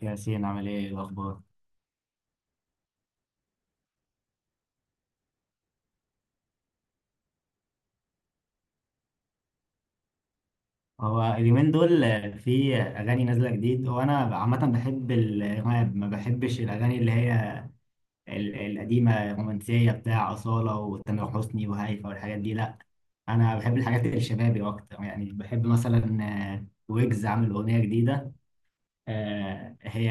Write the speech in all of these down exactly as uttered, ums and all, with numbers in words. ياسين عامل ايه؟ إيه الاخبار؟ هو اليومين دول في اغاني نازله جديد. هو انا عامه بحب الراب، ما بحبش الاغاني اللي هي ال- القديمه الرومانسيه بتاع اصاله وتامر حسني وهيفا والحاجات دي، لا انا بحب الحاجات الشبابي اكتر. يعني بحب مثلا، آه، ويجز عامل اغنيه جديده. آه، هي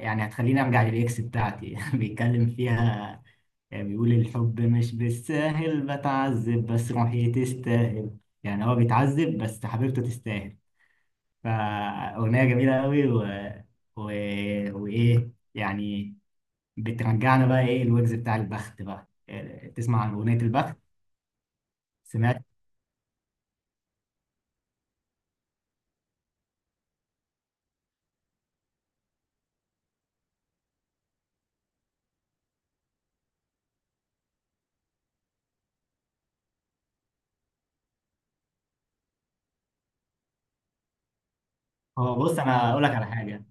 يعني هتخليني ارجع للاكس بتاعتي بيتكلم فيها، يعني بيقول الحب مش بالساهل بتعذب بس روحي تستاهل. يعني هو بيتعذب بس حبيبته تستاهل. فأغنية جميلة قوي و... و... وإيه يعني، بترجعنا بقى. إيه الوجز بتاع البخت بقى؟ إيه، تسمع عن أغنية البخت؟ سمعت. هو بص، أنا أقول لك على حاجة.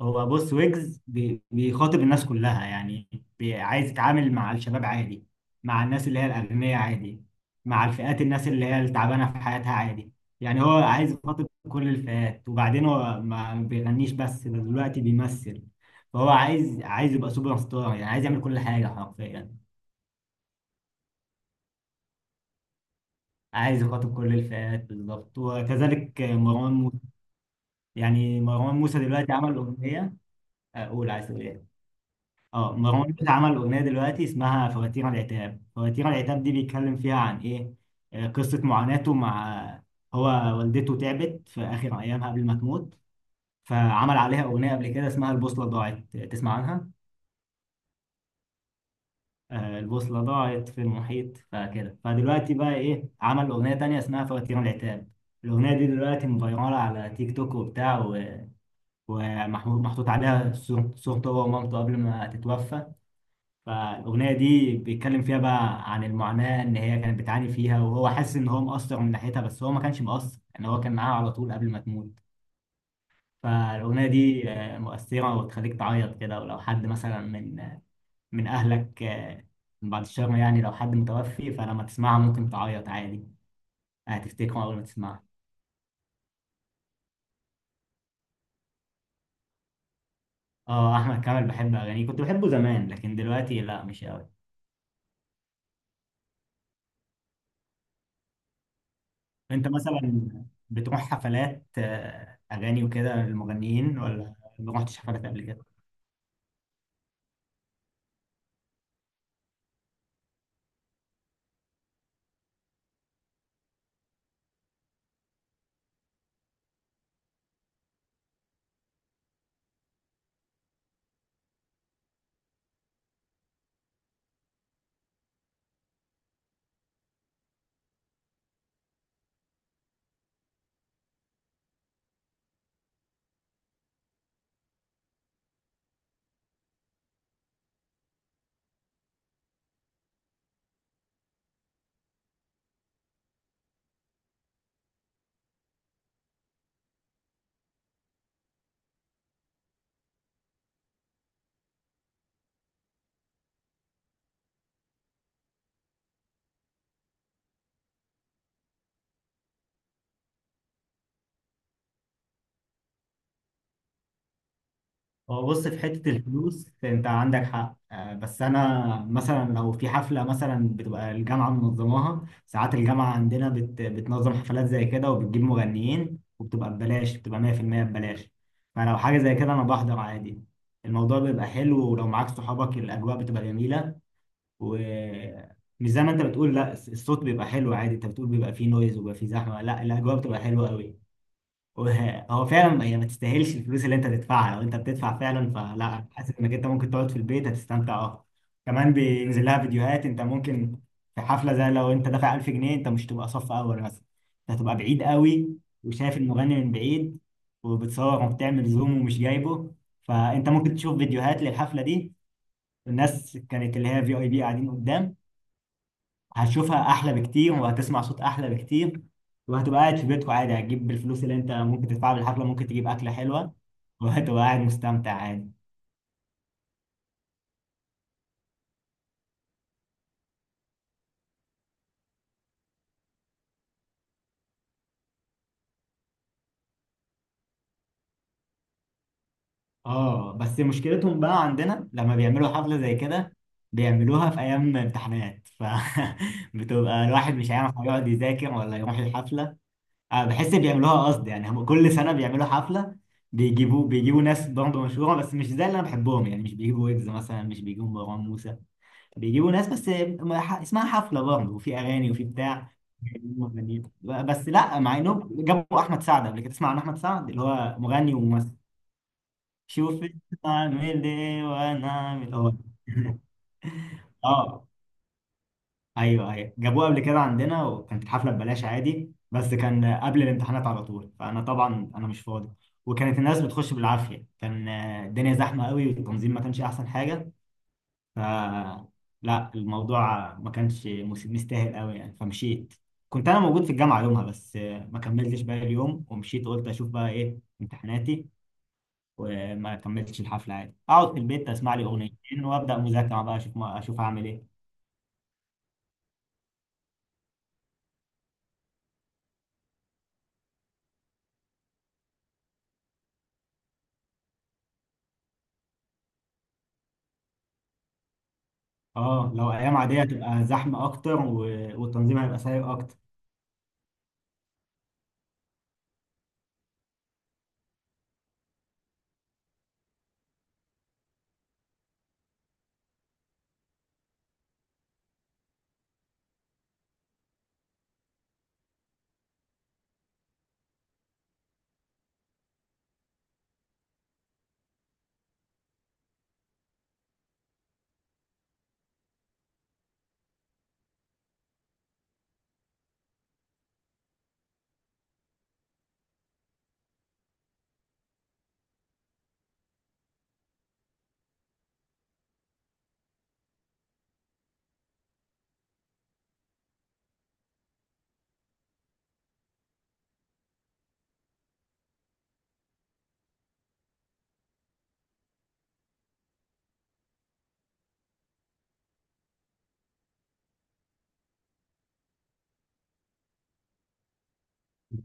هو بص ويجز بي- بيخاطب الناس كلها يعني، بي- عايز يتعامل مع الشباب عادي، مع الناس اللي هي الأغنياء عادي، مع الفئات الناس اللي هي التعبانة في حياتها عادي. يعني هو عايز يخاطب كل الفئات، وبعدين هو ما بيغنيش بس ده، دلوقتي بيمثل. فهو عايز عايز يبقى سوبر ستار، يعني عايز يعمل كل حاجة حرفيا. عايز يخاطب كل الفئات بالظبط، وكذلك مروان موسى. يعني مروان موسى دلوقتي عمل أغنية. أقول، عايز تقول إيه؟ اه، مروان موسى عمل اغنيه دلوقتي اسمها فواتير العتاب. فواتير العتاب دي بيتكلم فيها عن ايه؟ آه، قصه معاناته مع، هو والدته تعبت في اخر ايامها قبل ما تموت. فعمل عليها اغنيه قبل كده اسمها البوصله ضاعت، تسمع عنها؟ آه، البوصله ضاعت في المحيط، فكده. فدلوقتي بقى ايه، عمل اغنيه تانية اسمها فواتير العتاب. الاغنيه دي دلوقتي مفيراله على تيك توك وبتاع، و- ومحمود محطوط عليها صور- صورته هو ومامته قبل ما تتوفى. فالاغنيه دي بيتكلم فيها بقى عن المعاناه ان هي كانت بتعاني فيها، وهو حاسس ان هو مقصر من ناحيتها، بس هو ما كانش مقصر ان هو كان معاها على طول قبل ما تموت. فالاغنيه دي آه، مؤثره وتخليك تعيط كده، ولو حد مثلا من من اهلك، آه، من بعد الشر، يعني لو حد متوفي، فلما تسمعها ممكن تعيط عادي، هتفتكره اول ما تسمعها. اه، احمد كامل بحب اغانيه، كنت بحبه زمان، لكن دلوقتي لا مش قوي. انت مثلا بتروح حفلات آه، اغاني وكده للمغنيين، ولا ما رحتش حفلات قبل كده؟ هو بص، في حتة الفلوس انت عندك حق، آه، بس انا مثلا لو في حفلة مثلا بتبقى الجامعة منظماها. ساعات الجامعة عندنا بت بتنظم حفلات زي كده وبتجيب مغنيين وبتبقى ببلاش، بتبقى مية في المية ببلاش. فلو حاجة زي كده انا بحضر عادي. الموضوع بيبقى حلو، ولو معاك صحابك الاجواء بتبقى جميلة. ومش زي ما انت بتقول لا، الصوت بيبقى حلو عادي. انت بتقول بيبقى فيه نويز وبيبقى فيه زحمة، لا الاجواء بتبقى حلوة قوي. وه- هو فعلا هي ما تستاهلش الفلوس اللي انت تدفعها لو انت بتدفع فعلا، فلا، حاسس انك انت ممكن تقعد في البيت هتستمتع اكتر. كمان بينزل لها فيديوهات انت ممكن، في حفله زي لو انت دافع ألف جنيه، انت مش تبقى صف اول مثلا، انت هتبقى بعيد قوي وشايف المغني من بعيد، وبتصور وبتعمل زوم ومش جايبه. فانت ممكن تشوف فيديوهات للحفله دي الناس كانت اللي هي في اي بي قاعدين قدام، هتشوفها احلى بكتير وهتسمع صوت احلى بكتير، وهتبقى قاعد في بيتكم عادي. هتجيب بالفلوس اللي انت ممكن تدفعها بالحفله، ممكن تجيب اكله حلوه وهتبقى قاعد مستمتع عادي. اه بس مشكلتهم بقى عندنا لما بيعملوا حفله زي كده، بيعملوها في ايام امتحانات. ف بتبقى الواحد مش عارف هيقعد يذاكر ولا يروح الحفله. أه بحس بيعملوها قصد يعني. هم كل سنه بيعملوا حفله، بيجيبوا بيجيبوا ناس برضه مشهوره، بس مش زي اللي انا بحبهم يعني. مش بيجيبوا ويجز مثلا، مش بيجيبوا مروان موسى، بيجيبوا ناس بس م- ح- اسمها حفله برضه وفي اغاني وفي بتاع. بيجيبوا مغنيين. بس لا، مع انهم جابوا احمد سعد قبل كده، تسمع عن احمد سعد اللي هو مغني وممثل؟ شوف اعمل ايه وانا اعمل هو. اه ايوه ايوه، جابوه قبل كده عندنا وكانت الحفله ببلاش عادي، بس كان قبل الامتحانات على طول، فانا طبعا انا مش فاضي. وكانت الناس بتخش بالعافيه، كان آه، الدنيا زحمه قوي والتنظيم ما كانش احسن حاجه. ف لا، الموضوع ما كانش مس- مستاهل قوي يعني، فمشيت. كنت انا موجود في الجامعه يومها، بس ما كملتش بقى اليوم ومشيت. قلت اشوف بقى ايه امتحاناتي وما كملتش الحفله. عادي، اقعد في البيت اسمع لي اغنيتين وابدا مذاكره بقى، اشوف ما اشوف هعمل ايه. اه لو ايام عاديه هتبقى زحمه اكتر و... والتنظيم هيبقى سيء اكتر.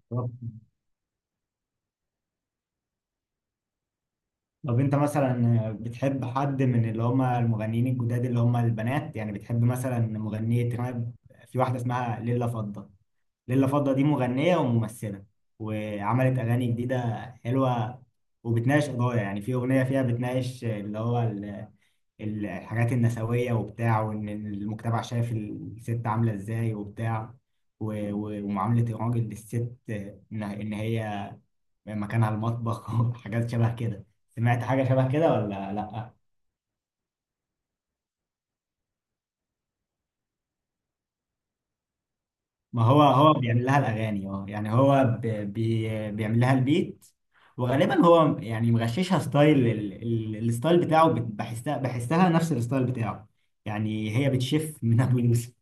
طب طب انت مثلا بتحب حد من اللي هم المغنيين الجداد اللي هم البنات؟ يعني بتحب مثلا مغنيه راب. في واحده اسمها ليلى فضة. ليلة فضة دي مغنية وممثلة، وعملت أغاني جديدة حلوة، وبتناقش قضايا. يعني في أغنية فيها بتناقش اللي هو ال- ال- الحاجات النسوية وبتاع، وإن المجتمع شايف الست عاملة إزاي وبتاع، و- و- ومعاملة الراجل للست، إن إن هي مكانها المطبخ وحاجات شبه كده. سمعت حاجة شبه كده ولا لأ؟ ما هو هو بيعمل لها الاغاني. اه يعني هو ب- بي بيعمل لها البيت، وغالبا هو يعني مغششها ستايل ال- ال- الستايل بتاعه، بت- بحسها بحسها نفس الستايل بتاعه. يعني هي بتشف من ابو يوسف.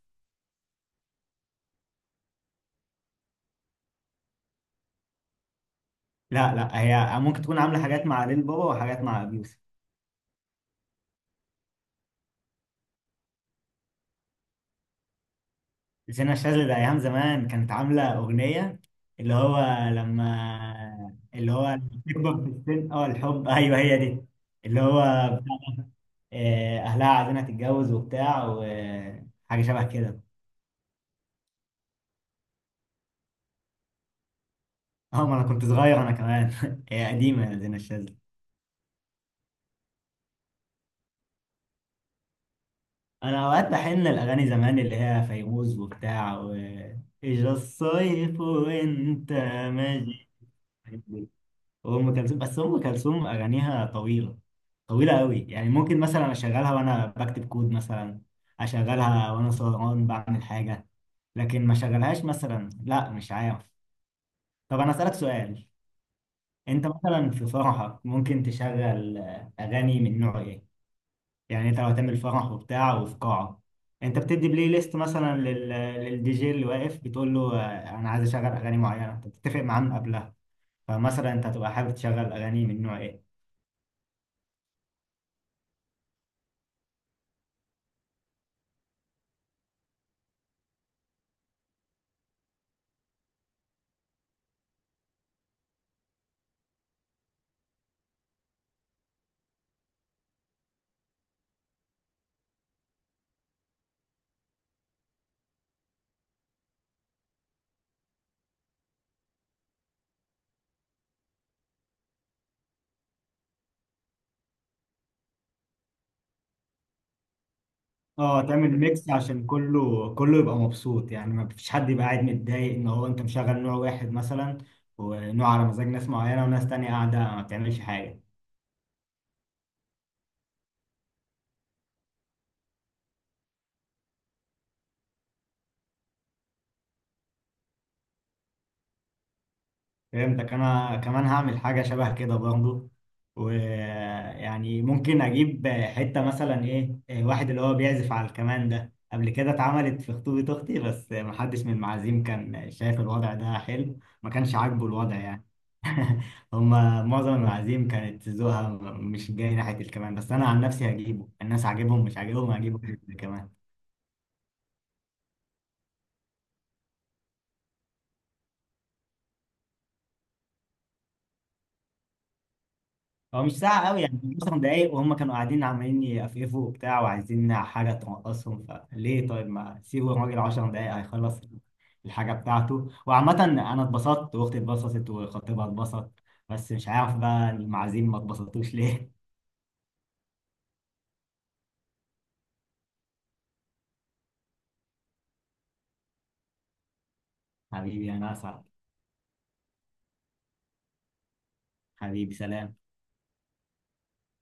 لا لا هي ممكن تكون عامله حاجات مع ليل بابا وحاجات مع ابو يوسف. زينة الشاذلي ده ايام زمان كانت عامله اغنيه اللي هو، لما اللي هو تكبر في السن، اه الحب، ايوه هي دي اللي هو، آه، اهلها عايزينها تتجوز وبتاع وحاجه شبه كده. اه، ما انا كنت صغير انا كمان. هي قديمه يا زينة الشاذلي. انا اوقات بحن الاغاني زمان اللي هي فيروز وبتاع و، اجا الصيف وانت ماشي، وام كلثوم. بس ام كلثوم اغانيها طويله، طويله قوي. يعني ممكن مثلا اشغلها وانا بكتب كود مثلا، اشغلها وانا سهران بعمل حاجه، لكن ما اشغلهاش مثلا لا، مش عارف. طب انا اسالك سؤال، انت مثلا في فرحك ممكن تشغل آه، اغاني من نوع ايه؟ يعني انت لو هتعمل فرح وبتاع وفي قاعة، انت بتدي بلاي ليست مثلا لل... للدي جي اللي واقف، بتقول له آه، انا عايز اشغل اغاني معينة، انت بتتفق معاه من قبلها. فمثلا انت هتبقى حابب تشغل اغاني من نوع ايه؟ اه تعمل ميكس عشان كله كله يبقى مبسوط. يعني ما فيش حد يبقى قاعد متضايق ان هو انت مشغل نوع واحد مثلا، ونوع على مزاج ناس معينة وناس تانية قاعدة ما بتعملش حاجة. فهمتك، انا كمان هعمل حاجه شبه كده برضه. ويعني ممكن اجيب حته مثلا ايه، واحد اللي هو بيعزف على الكمان ده. قبل كده اتعملت في خطوبه اختي، بس محدش من المعازيم كان شايف الوضع ده حلو، ما كانش عاجبه الوضع يعني. هما معظم المعازيم كانت ذوقها مش جاي ناحيه الكمان، بس انا عن نفسي هجيبه. الناس عاجبهم مش عاجبهم، هجيبه كمان. هو مش ساعة قوي يعني، كان عشر دقايق، وهم كانوا قاعدين عمالين يقفقفوا وبتاع وعايزين حاجة تنقصهم. فليه؟ طيب ما سيبوا الراجل عشر دقايق هيخلص الحاجة بتاعته. وعامة أنا اتبسطت وأختي اتبسطت وخطيبها اتبسط، بس مش عارف بقى المعازيم ما اتبسطوش ليه. حبيبي أنا أسعد. حبيبي سلام.